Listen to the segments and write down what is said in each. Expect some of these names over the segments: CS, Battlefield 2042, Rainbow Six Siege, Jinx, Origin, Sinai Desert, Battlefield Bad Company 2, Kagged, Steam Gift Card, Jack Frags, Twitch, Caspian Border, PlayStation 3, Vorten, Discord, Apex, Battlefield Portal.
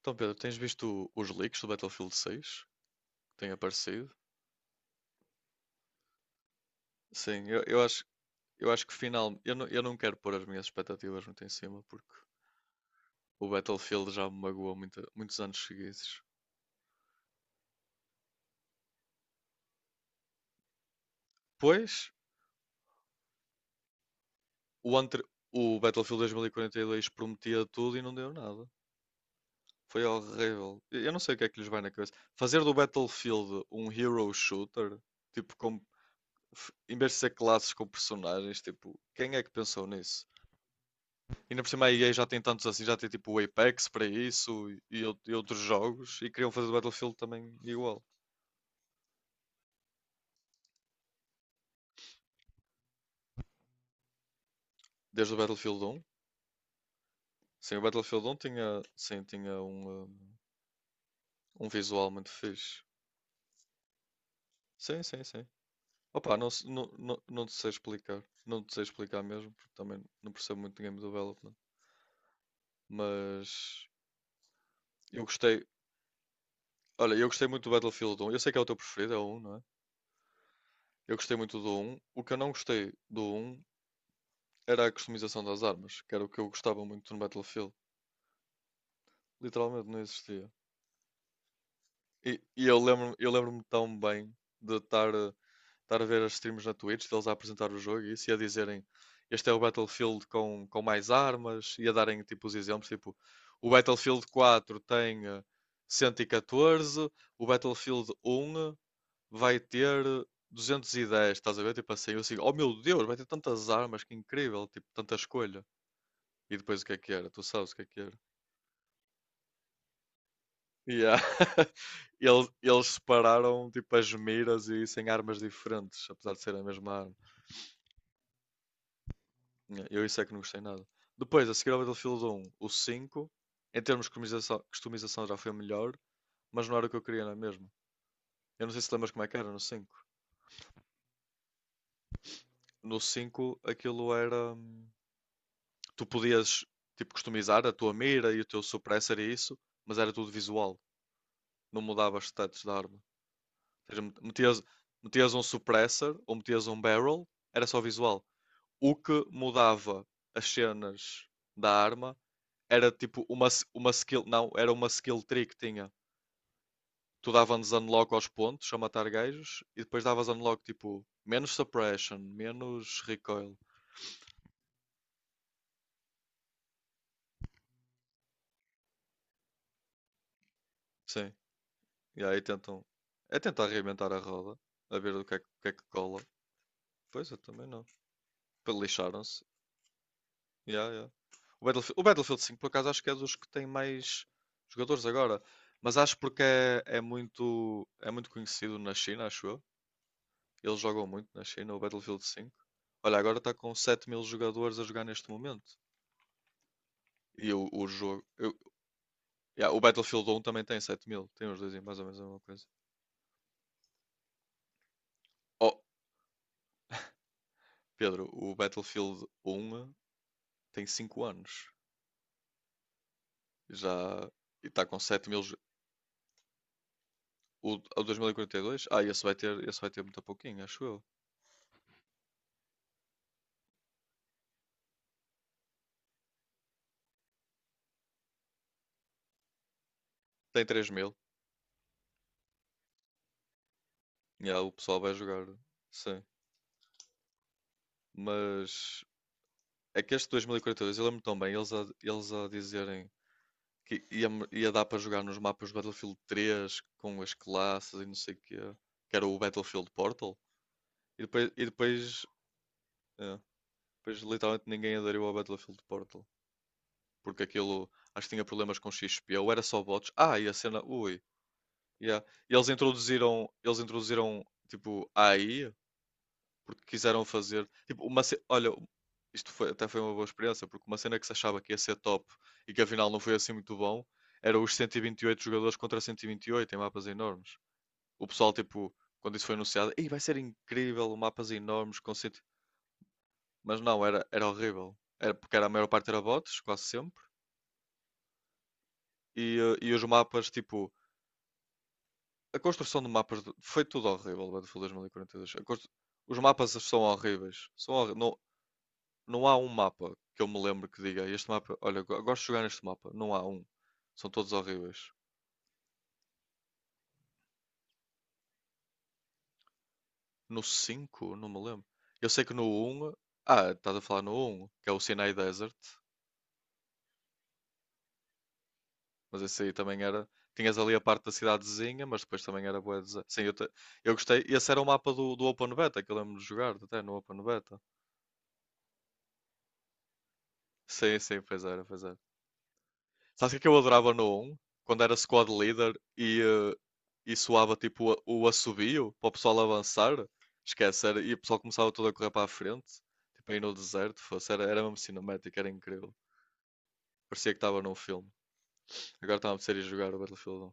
Então, Pedro, tens visto os leaks do Battlefield 6 que têm aparecido? Sim, eu acho, eu não quero pôr as minhas expectativas muito em cima porque o Battlefield já me magoou muita- muitos anos seguidos. Pois, o, anter- o Battlefield 2042 prometia tudo e não deu nada. Foi horrível. Eu não sei o que é que lhes vai na cabeça. Fazer do Battlefield um hero shooter, tipo, com, em vez de ser classes com personagens, tipo, quem é que pensou nisso? Ainda por cima a EA já tem tantos assim, já tem tipo o Apex para isso e outros jogos e queriam fazer o Battlefield também igual. Desde o Battlefield 1. Sim, o Battlefield 1 tinha, sim, tinha um visual muito fixe. Sim, sim, sim. Opa, não, não, não te sei explicar. Não te sei explicar mesmo, porque também não percebo muito de game development. Mas eu gostei. Olha, eu gostei muito do Battlefield 1. Eu sei que é o teu preferido, é o um, não é? Eu gostei muito do um. O que eu não gostei do um era a customização das armas, que era o que eu gostava muito no Battlefield. Literalmente não existia. E, eu lembro-me tão bem de estar a ver as streams na Twitch, deles a apresentar o jogo e isso e a dizerem este é o Battlefield com mais armas e a darem tipo os exemplos, tipo o Battlefield 4 tem 114, o Battlefield 1 vai ter 210, estás a ver? Tipo assim, eu assim, oh meu Deus, vai ter tantas armas, que incrível, tipo, tanta escolha. E depois o que é que era? Tu sabes o que é que era? Yeah. Eles separaram tipo as miras e isso em armas diferentes, apesar de serem a mesma arma. Yeah, eu isso é que não gostei nada. Depois, a seguir ao Battlefield 1, o cinco em termos de customização, customização já foi melhor, mas não era o que eu queria, não é mesmo? Eu não sei se lembras como é que era no cinco. No 5 aquilo era. Tu podias tipo customizar a tua mira e o teu suppressor e isso, mas era tudo visual, não mudava os status da arma. Ou seja, metias um suppressor ou metias um barrel, era só visual. O que mudava as cenas da arma era tipo uma skill. Não, era uma skill tree que tinha. Tu davas unlock aos pontos a matar gajos e depois davas unlock tipo menos suppression, menos recoil. Sim. E aí tentam. É tentar reinventar a roda, a ver o que é que cola. Pois eu também não. Pe- Lixaram-se. Yeah, yeah. O Battlefield 5, por acaso, acho que é dos que tem mais jogadores agora. Mas acho porque é, é muito conhecido na China, acho eu. Eles jogam muito na China, o Battlefield 5. Olha, agora está com 7 mil jogadores a jogar neste momento. E o, o jogo. eu- yeah, o Battlefield 1 também tem 7 mil. Tem os dois em mais ou menos a mesma coisa. Oh, Pedro, o Battlefield 1 tem 5 anos. Já. E está com 7 mil. O 2042? Ah, esse vai ter muito pouquinho, acho eu. Tem 3 mil. Yeah, o pessoal vai jogar. Sim. Mas é que este 2042, eu lembro tão bem, eles a dizerem que ia dar para jogar nos mapas do Battlefield 3 com as classes e não sei o quê, que era o Battlefield Portal. E depois, é, depois literalmente ninguém aderiu ao Battlefield Portal, porque aquilo acho que tinha problemas com XP, ou era só bots. Ah, e a cena, ui, yeah. E eles introduziram, tipo AI porque quiseram fazer. Tipo, uma ce- olha, isto foi, até foi uma boa experiência, porque uma cena que se achava que ia ser top e que afinal não foi assim muito bom, era os 128 jogadores contra 128 em mapas enormes. O pessoal, tipo, quando isso foi anunciado, ei, vai ser incrível, mapas enormes com 100... Mas não, era, era horrível. Era porque era, a maior parte era bots, quase sempre. E os mapas, tipo, a construção de mapas foi tudo horrível, Battlefield 2042. A constru- os mapas são horríveis. São horr- não, não há um mapa que eu me lembro que diga este mapa, olha, go- gosto de jogar neste mapa. Não há um. São todos horríveis. No 5 não me lembro. Eu sei que no um ah, estás a falar no um que é o Sinai Desert, mas esse aí também era. Tinhas ali a parte da cidadezinha, mas depois também era boa. Sim, eu gostei. Esse era o mapa do, do Open Beta, que eu lembro de jogar até no Open Beta. Sim, sim, pois era, pois era. Sabe o que é que eu adorava no 1? Quando era squad leader e soava tipo o assobio para o pessoal avançar. Esquece, era, e o pessoal começava todo a correr para a frente, tipo aí no deserto. Fosse, era, era mesmo cinemático, era incrível. Parecia que estava num filme. Agora estava a ser a jogar o Battlefield 1.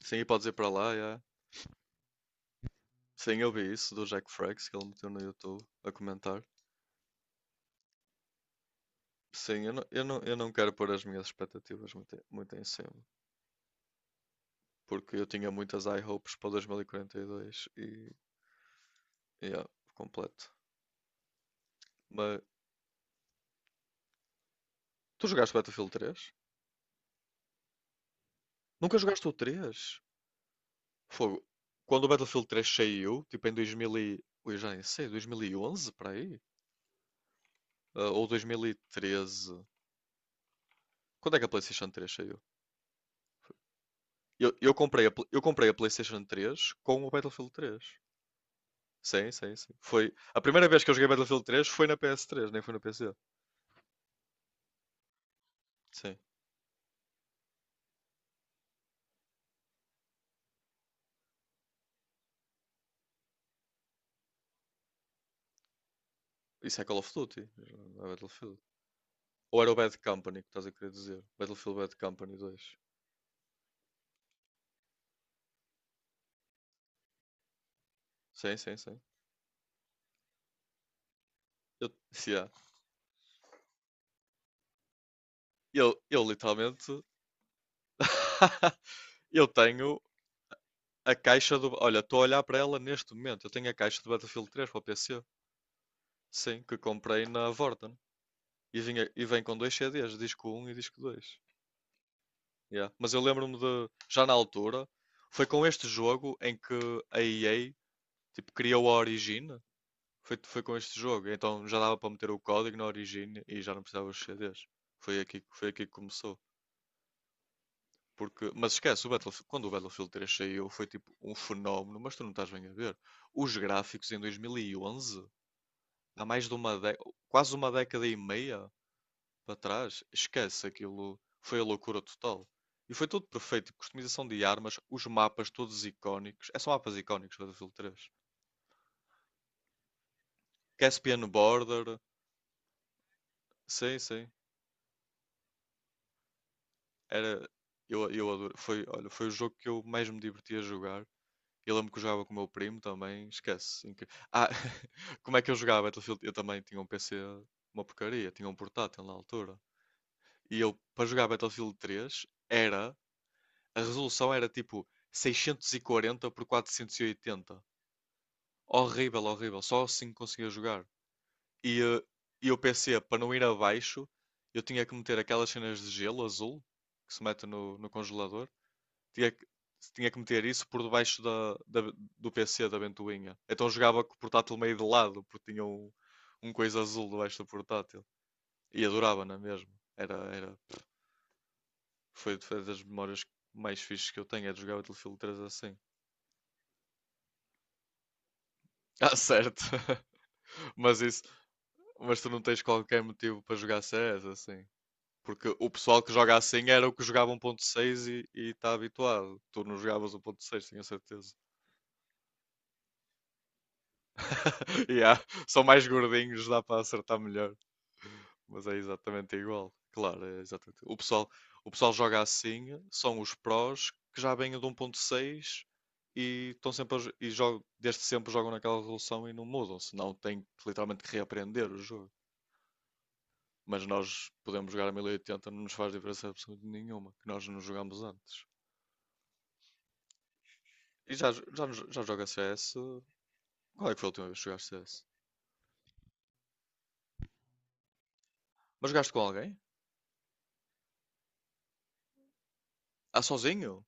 Sim, e podes ir para lá, já. Sim, eu vi isso do Jack Frags que ele meteu no YouTube a comentar. Sim, eu não quero pôr as minhas expectativas muito, muito em cima. Porque eu tinha muitas high hopes para 2042 e, 42 e, yeah, completo. Mas tu jogaste Battlefield 3? Nunca jogaste o 3? Fogo. Quando o Battlefield 3 saiu, tipo em 2000 e... Ui, já nem sei, 2011 para aí? Ah, ou 2013? Quando é que a PlayStation 3 saiu? Eu comprei a PlayStation 3 com o Battlefield 3. Sim, sim, sim. Foi a primeira vez que eu joguei Battlefield 3 foi na PS3, nem foi no PC. Sim. Isso é Call of Duty, não é Battlefield. Ou era o Bad Company que estás a querer dizer? Battlefield Bad Company 2. Sim, sim, sim. Eu, yeah, eu literalmente. Eu tenho a caixa do. Olha, estou a olhar para ela neste momento. Eu tenho a caixa do Battlefield 3 para o PC. Sim, que comprei na Vorten. E vem com dois CDs, disco um e disco dois. Yeah. Mas eu lembro-me de. Já na altura, foi com este jogo em que a EA tipo, criou a Origin. Foi com este jogo. Então já dava para meter o código na Origin e já não precisava dos CDs. Foi aqui que começou. Porque, mas esquece, o Battlefield, quando o Battlefield 3 saiu foi tipo um fenómeno, mas tu não estás bem a ver. Os gráficos em 2011, há mais de uma década, quase uma década e meia para trás, esquece aquilo, foi a loucura total. E foi tudo perfeito, tipo, customização de armas, os mapas todos icónicos, é, são mapas icónicos do Battlefield 3. Caspian Border, sim, sim, era, eu adoro, foi, olha, foi o jogo que eu mais me diverti a jogar. Eu lembro que eu jogava com o meu primo também, esquece. Inc- Ah, como é que eu jogava Battlefield? Eu também tinha um PC, uma porcaria, tinha um portátil na altura. E eu, para jogar Battlefield 3, era, a resolução era tipo 640 por 480. Horrível, horrível, só assim conseguia jogar. E, eh, e o PC, para não ir abaixo, eu tinha que meter aquelas cenas de gelo azul que se mete no congelador. tinha, que- Tinha que meter isso por debaixo do PC da ventoinha. Então jogava com o portátil meio de lado, porque tinha um, um coisa azul debaixo do portátil. E adorava, não é mesmo? Era, era, foi, foi das memórias mais fixes que eu tenho, é de jogar o Battlefield 3 assim. Ah, certo. Mas isso, mas tu não tens qualquer motivo para jogar CS assim. Porque o pessoal que joga assim era o que jogava 1.6 e está habituado. Tu não jogavas 1.6, tenho certeza. Yeah, são mais gordinhos, dá para acertar melhor. Mas é exatamente igual. Claro, é exatamente. O pessoal joga assim, são os prós que já vêm do 1.6 e estão sempre a jo- e jogam, desde sempre jogam naquela resolução e não mudam, senão têm que literalmente que reaprender o jogo. Mas nós podemos jogar a 1080, não nos faz diferença absolutamente nenhuma, que nós não jogámos antes. E já, jo- já, nos- já joga CS? Qual é que foi a última vez que jogaste CS? Mas jogaste com alguém? Ah, sozinho?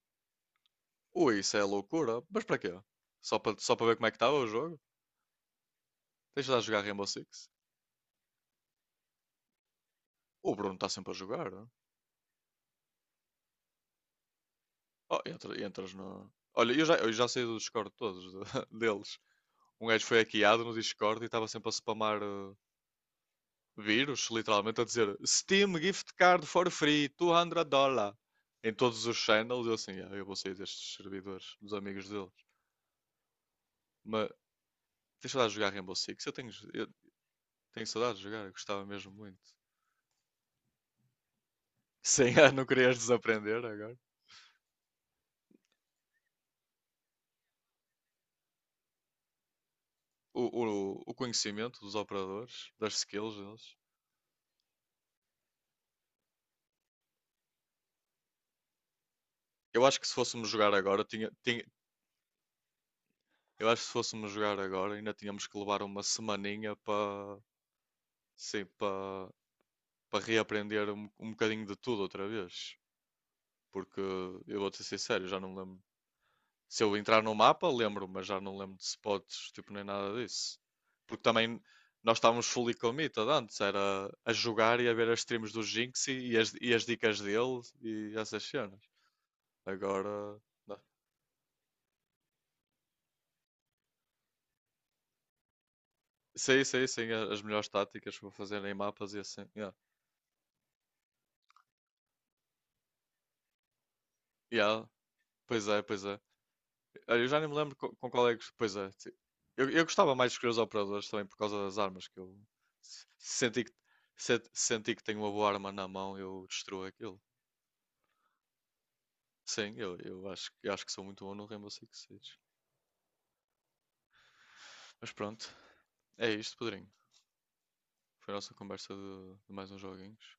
Ui, isso é loucura. Mas para quê? Só para ver como é que estava o jogo? Tens de lá jogar Rainbow Six? O Bruno está sempre a jogar. Oh, entras no. Olha, eu já saí do Discord todos de- deles. Um gajo foi hackeado no Discord e estava sempre a spamar vírus, literalmente, a dizer Steam Gift Card for free, 200 dólares em todos os channels, eu assim, "Ah, eu vou sair destes servidores, dos amigos deles." Mas deixa eu lá jogar Rainbow Six, eu tenho saudades de jogar, eu gostava mesmo muito. Sem ah, não querias desaprender agora? O, o conhecimento dos operadores, das skills deles. Eu acho que se fôssemos jogar agora, tinha- eu acho que se fôssemos jogar agora, ainda tínhamos que levar uma semaninha para, sim, para, para reaprender um bocadinho de tudo outra vez. Porque eu vou-te ser sincero, já não me lembro. Se eu entrar no mapa, lembro, mas já não lembro de spots, tipo, nem nada disso. Porque também nós estávamos fully committed antes, era a jogar e a ver as streams do Jinx e as dicas dele e essas cenas. Agora, sei, sei, sei, as melhores táticas para fazer em mapas e assim. Yeah. Yeah, pois é, pois é. Olha, eu já nem me lembro co- com, qual é que. Pois é. Ti- eu gostava mais de escolher os operadores também por causa das armas que eu se- senti que, se- senti que tenho uma boa arma na mão, eu destruo aquilo. Sim, eu acho que sou muito bom no Rainbow Six Siege. Mas pronto, é isto, Pedrinho. Foi a nossa conversa de mais uns joguinhos.